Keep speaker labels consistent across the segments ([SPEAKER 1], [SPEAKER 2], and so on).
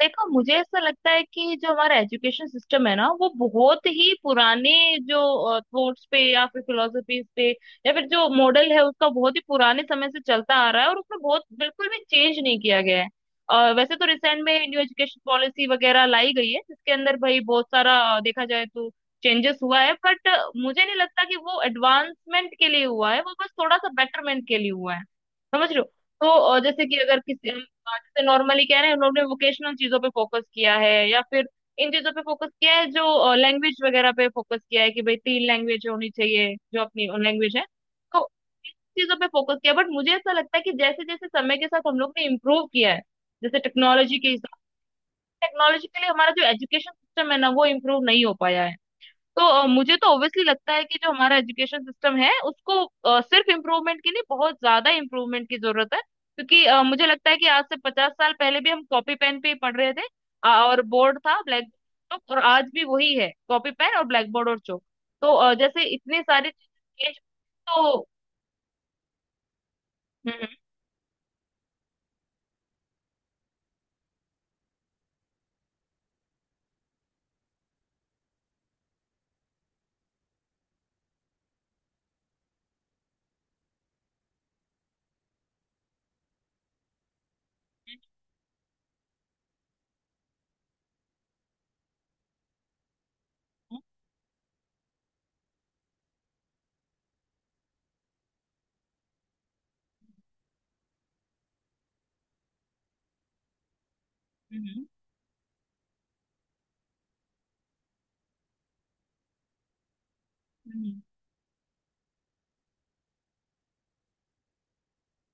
[SPEAKER 1] देखो, मुझे ऐसा लगता है कि जो हमारा एजुकेशन सिस्टम है ना, वो बहुत ही पुराने जो थॉट्स पे या फिर फिलोसफीज पे या फिर जो मॉडल है उसका, बहुत ही पुराने समय से चलता आ रहा है, और उसमें बहुत बिल्कुल भी चेंज नहीं किया गया है। वैसे तो रिसेंट में न्यू एजुकेशन पॉलिसी वगैरह लाई गई है, जिसके अंदर भाई बहुत सारा देखा जाए तो चेंजेस हुआ है, बट मुझे नहीं लगता कि वो एडवांसमेंट के लिए हुआ है, वो बस थोड़ा सा बेटरमेंट के लिए हुआ है। समझ रहे हो? तो जैसे कि अगर किसी, जैसे नॉर्मली कह रहे हैं, उन्होंने वोकेशनल चीजों पे फोकस किया है, या फिर इन चीजों पे फोकस किया है, जो लैंग्वेज वगैरह पे फोकस किया है कि भाई तीन लैंग्वेज होनी चाहिए, जो अपनी लैंग्वेज है। तो उन चीजों पे फोकस किया, बट मुझे ऐसा लगता है कि जैसे जैसे समय के साथ हम लोग ने इम्प्रूव किया है, जैसे टेक्नोलॉजी के हिसाब से, टेक्नोलॉजी के लिए हमारा जो एजुकेशन सिस्टम है ना, वो इम्प्रूव नहीं हो पाया है। तो मुझे तो ऑब्वियसली लगता है कि जो हमारा एजुकेशन सिस्टम है, उसको सिर्फ इम्प्रूवमेंट की नहीं, बहुत ज्यादा इम्प्रूवमेंट की जरूरत है। क्योंकि मुझे लगता है कि आज से 50 साल पहले भी हम कॉपी पेन पे ही पढ़ रहे थे, और बोर्ड था ब्लैक, तो और आज भी वही है, कॉपी पेन और ब्लैक बोर्ड और चॉक। तो जैसे इतनी सारी चीजें तो हम्म, हम्म, हम्म, हम्म,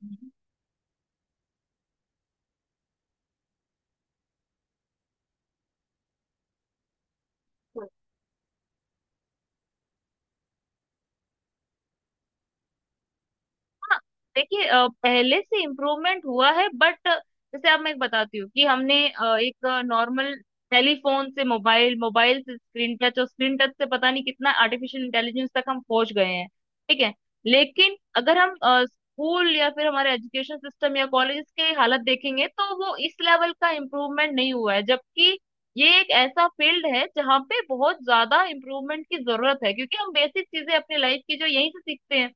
[SPEAKER 1] हम्म, हम्म। हाँ, देखिए, पहले से इम्प्रूवमेंट हुआ है, बट जैसे अब मैं एक बताती हूँ कि हमने एक नॉर्मल टेलीफोन से मोबाइल, मोबाइल से स्क्रीन टच, और स्क्रीन टच से पता नहीं कितना आर्टिफिशियल इंटेलिजेंस तक हम पहुंच गए हैं। ठीक है? लेकिन अगर हम स्कूल या फिर हमारे एजुकेशन सिस्टम या कॉलेज के हालत देखेंगे, तो वो इस लेवल का इम्प्रूवमेंट नहीं हुआ है। जबकि ये एक ऐसा फील्ड है जहाँ पे बहुत ज्यादा इम्प्रूवमेंट की जरूरत है, क्योंकि हम बेसिक चीजें अपनी लाइफ की जो यहीं से सीखते हैं।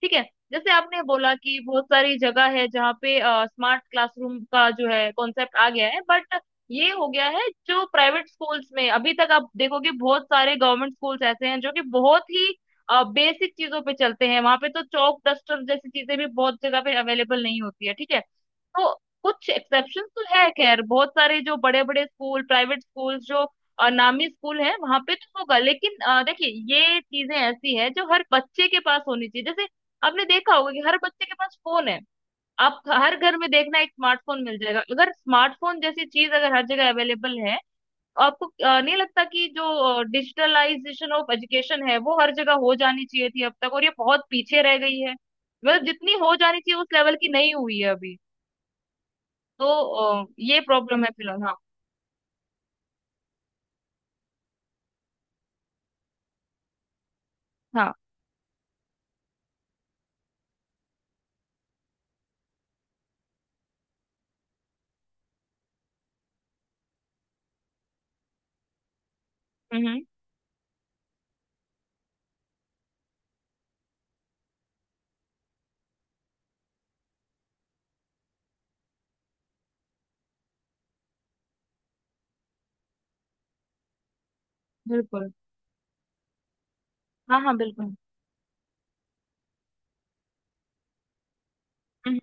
[SPEAKER 1] ठीक है? जैसे आपने बोला कि बहुत सारी जगह है जहाँ पे स्मार्ट क्लासरूम का जो है कॉन्सेप्ट आ गया है, बट ये हो गया है जो प्राइवेट स्कूल्स में। अभी तक आप देखोगे बहुत सारे गवर्नमेंट स्कूल्स ऐसे हैं जो कि बहुत ही बेसिक चीजों पे चलते हैं, वहां पे तो चौक डस्टर जैसी चीजें भी बहुत जगह पे अवेलेबल नहीं होती है। ठीक है? तो कुछ एक्सेप्शन तो है। खैर, बहुत सारे जो बड़े बड़े स्कूल, प्राइवेट स्कूल, जो नामी स्कूल है, वहां पे तो होगा। लेकिन देखिए, ये चीजें ऐसी है जो हर बच्चे के पास होनी चाहिए। जैसे आपने देखा होगा कि हर बच्चे के पास फोन है। आप हर घर में देखना, एक स्मार्टफोन मिल जाएगा। अगर स्मार्टफोन जैसी चीज अगर हर जगह अवेलेबल है, तो आपको नहीं लगता कि जो डिजिटलाइजेशन ऑफ एजुकेशन है, वो हर जगह हो जानी चाहिए थी अब तक, और ये बहुत पीछे रह गई है। मतलब जितनी हो जानी चाहिए उस लेवल की नहीं हुई है अभी। तो ये प्रॉब्लम है फिलहाल। हाँ। हाँ। हम्म। बिल्कुल। हाँ, हाँ, बिल्कुल। हम्म।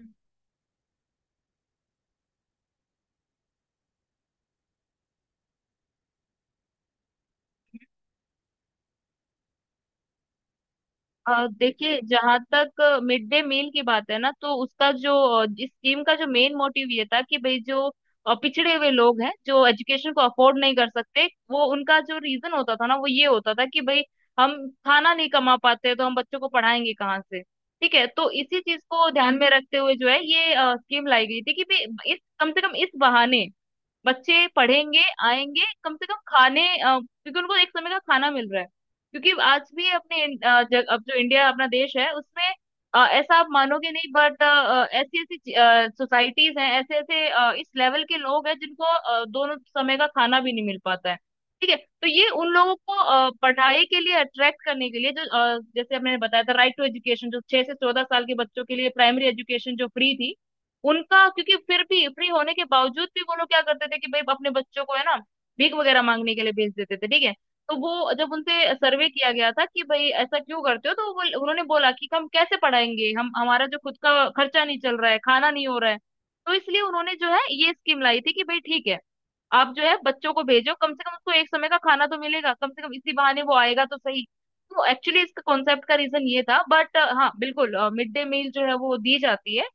[SPEAKER 1] देखिए, जहाँ तक मिड डे मील की बात है ना, तो उसका जो इस स्कीम का जो मेन मोटिव ये था कि भाई जो पिछड़े हुए लोग हैं, जो एजुकेशन को अफोर्ड नहीं कर सकते, वो उनका जो रीजन होता था ना, वो ये होता था कि भाई, हम खाना नहीं कमा पाते, तो हम बच्चों को पढ़ाएंगे कहाँ से। ठीक है? तो इसी चीज को ध्यान में रखते हुए जो है, ये स्कीम लाई गई थी कि भाई इस, कम से कम इस बहाने बच्चे पढ़ेंगे, आएंगे कम से कम खाने, क्योंकि उनको एक समय का खाना मिल रहा है। क्योंकि आज भी अपने अब जो इंडिया अपना देश है, उसमें ऐसा आप मानोगे नहीं, बट ऐसी ऐसी सोसाइटीज हैं, ऐसे ऐसे इस लेवल के लोग हैं, जिनको दोनों समय का खाना भी नहीं मिल पाता है। ठीक है? तो ये उन लोगों को पढ़ाई के लिए अट्रैक्ट करने के लिए, जो जैसे हमने बताया था राइट टू एजुकेशन, जो 6 से 14 साल के बच्चों के लिए प्राइमरी एजुकेशन जो फ्री थी, उनका क्योंकि फिर भी फ्री होने के बावजूद भी वो लोग क्या करते थे कि भाई अपने बच्चों को है ना, भीख वगैरह मांगने के लिए भेज देते थे। ठीक है? तो वो जब उनसे सर्वे किया गया था कि भाई ऐसा क्यों करते हो, तो वो उन्होंने बोला कि हम कैसे पढ़ाएंगे, हम, हमारा जो खुद का खर्चा नहीं चल रहा है, खाना नहीं हो रहा है। तो इसलिए उन्होंने जो है ये स्कीम लाई थी कि भाई ठीक है, आप जो है बच्चों को भेजो, कम से कम उसको एक समय का खाना तो मिलेगा, कम से कम इसी बहाने वो आएगा तो सही। तो एक्चुअली इसका कॉन्सेप्ट का रीजन ये था, बट हाँ बिल्कुल मिड डे मील जो है वो दी जाती है।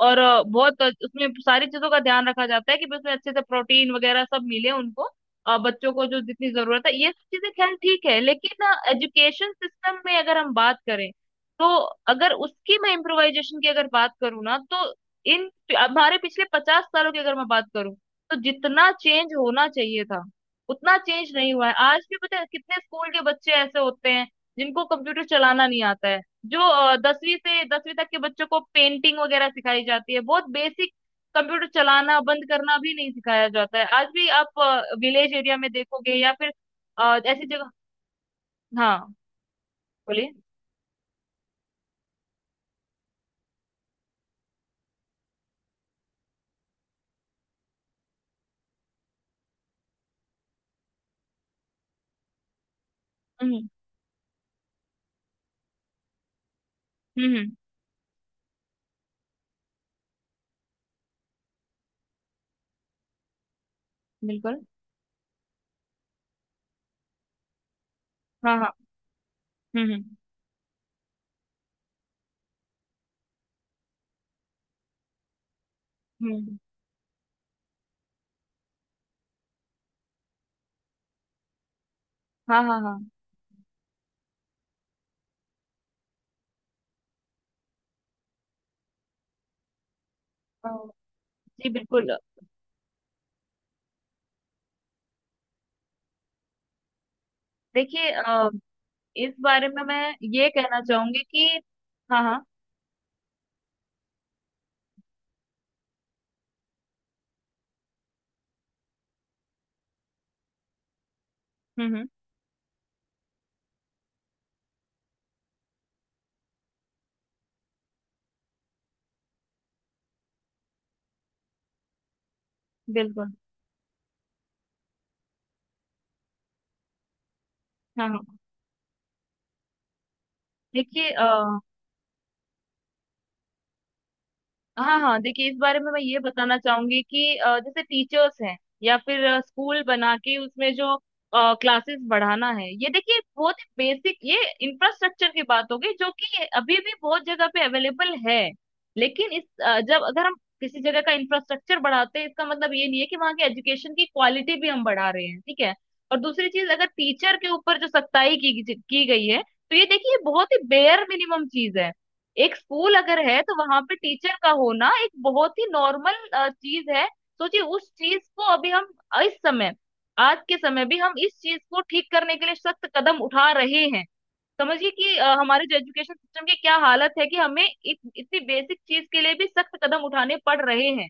[SPEAKER 1] और बहुत उसमें सारी चीजों का ध्यान रखा जाता है कि भाई उसमें अच्छे से प्रोटीन वगैरह सब मिले उनको, बच्चों को जो जितनी जरूरत है, ये सब चीजें। खैर, ठीक है लेकिन एजुकेशन सिस्टम में अगर हम बात करें, तो अगर उसकी मैं इम्प्रोवाइजेशन की अगर बात करूँ ना, तो इन हमारे पिछले 50 सालों की अगर मैं बात करूँ, तो जितना चेंज होना चाहिए था उतना चेंज नहीं हुआ है। आज भी पता है कितने स्कूल के बच्चे ऐसे होते हैं जिनको कंप्यूटर चलाना नहीं आता है, जो 10वीं से 10वीं तक के बच्चों को पेंटिंग वगैरह सिखाई जाती है, बहुत बेसिक। कंप्यूटर चलाना बंद करना भी नहीं सिखाया जाता है। आज भी आप विलेज एरिया में देखोगे, या फिर ऐसी जगह। हाँ, बोलिए। हम्म, हम्म, बिल्कुल। हाँ, हाँ। हम्म, हम्म, हम्म। हाँ, हाँ, हाँ। अ, जी, बिल्कुल। देखिए, इस बारे में मैं ये कहना चाहूंगी कि हाँ, हाँ। हम्म, हम्म। बिल्कुल। हाँ, हाँ, देखिए हाँ, हाँ, देखिए इस बारे में मैं ये बताना चाहूंगी कि जैसे टीचर्स हैं, या फिर स्कूल बना के उसमें जो क्लासेस बढ़ाना है, ये देखिए बहुत बेसिक, ये इंफ्रास्ट्रक्चर की बात हो गई, जो कि अभी भी बहुत जगह पे अवेलेबल है। लेकिन इस, जब अगर हम किसी जगह का इंफ्रास्ट्रक्चर बढ़ाते हैं, इसका मतलब ये नहीं है कि वहाँ की एजुकेशन की क्वालिटी भी हम बढ़ा रहे हैं। ठीक है? और दूसरी चीज, अगर टीचर के ऊपर जो सख्ताई की गई है, तो ये देखिए बहुत ही बेयर मिनिमम चीज है। एक स्कूल अगर है तो वहां पे टीचर का होना एक बहुत ही नॉर्मल चीज है। सोचिए उस चीज को अभी हम, इस समय, आज के समय भी हम इस चीज को ठीक करने के लिए सख्त कदम उठा रहे हैं। समझिए कि हमारे जो एजुकेशन सिस्टम की क्या हालत है कि हमें इतनी बेसिक चीज के लिए भी सख्त कदम उठाने पड़ रहे हैं।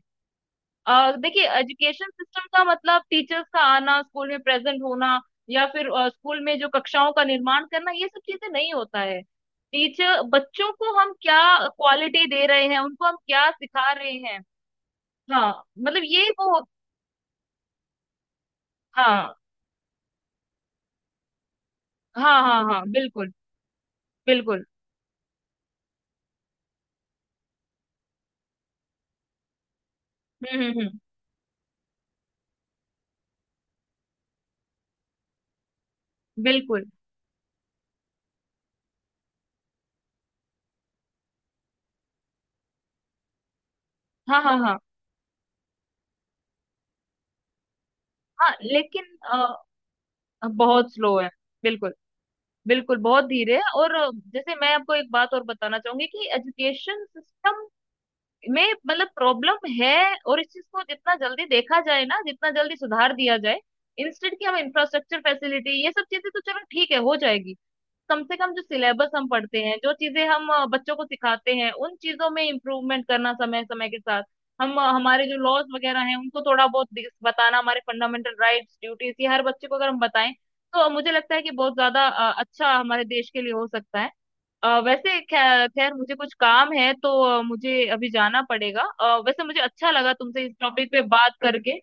[SPEAKER 1] देखिए, एजुकेशन सिस्टम का मतलब टीचर्स का आना, स्कूल में प्रेजेंट होना, या फिर स्कूल में जो कक्षाओं का निर्माण करना, ये सब चीजें नहीं होता है। टीचर बच्चों को हम क्या क्वालिटी दे रहे हैं, उनको हम क्या सिखा रहे हैं? हाँ मतलब ये वो। हाँ, हाँ, हाँ, हाँ, बिल्कुल, बिल्कुल। हम्म, हम्म, बिल्कुल। हाँ, हाँ, हाँ। हाँ लेकिन बहुत स्लो है। बिल्कुल। बिल्कुल बहुत धीरे है। और जैसे मैं आपको एक बात और बताना चाहूंगी कि एजुकेशन सिस्टम में मतलब प्रॉब्लम है, और इस चीज को जितना जल्दी देखा जाए ना, जितना जल्दी सुधार दिया जाए। इंस्टेंट की हम इंफ्रास्ट्रक्चर फैसिलिटी, ये सब चीजें तो चलो ठीक है हो जाएगी। कम से कम जो सिलेबस हम पढ़ते हैं, जो चीजें हम बच्चों को सिखाते हैं, उन चीजों में इम्प्रूवमेंट करना समय समय के साथ। हम हमारे जो लॉज वगैरह हैं, उनको थोड़ा बहुत बताना, हमारे फंडामेंटल राइट्स, ड्यूटीज, ये हर बच्चे को अगर हम बताएं, तो मुझे लगता है कि बहुत ज्यादा अच्छा हमारे देश के लिए हो सकता है। वैसे खैर मुझे कुछ काम है, तो मुझे अभी जाना पड़ेगा। वैसे मुझे अच्छा लगा तुमसे इस टॉपिक पे बात करके।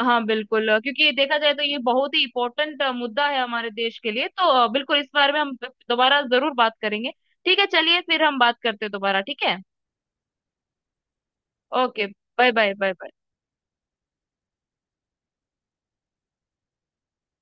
[SPEAKER 1] हाँ, बिल्कुल। क्योंकि देखा जाए तो ये बहुत ही इम्पोर्टेंट मुद्दा है हमारे देश के लिए। तो बिल्कुल इस बारे में हम दोबारा जरूर बात करेंगे। ठीक है, चलिए फिर हम बात करते हैं दोबारा। ठीक है। Okay, bye bye, bye bye.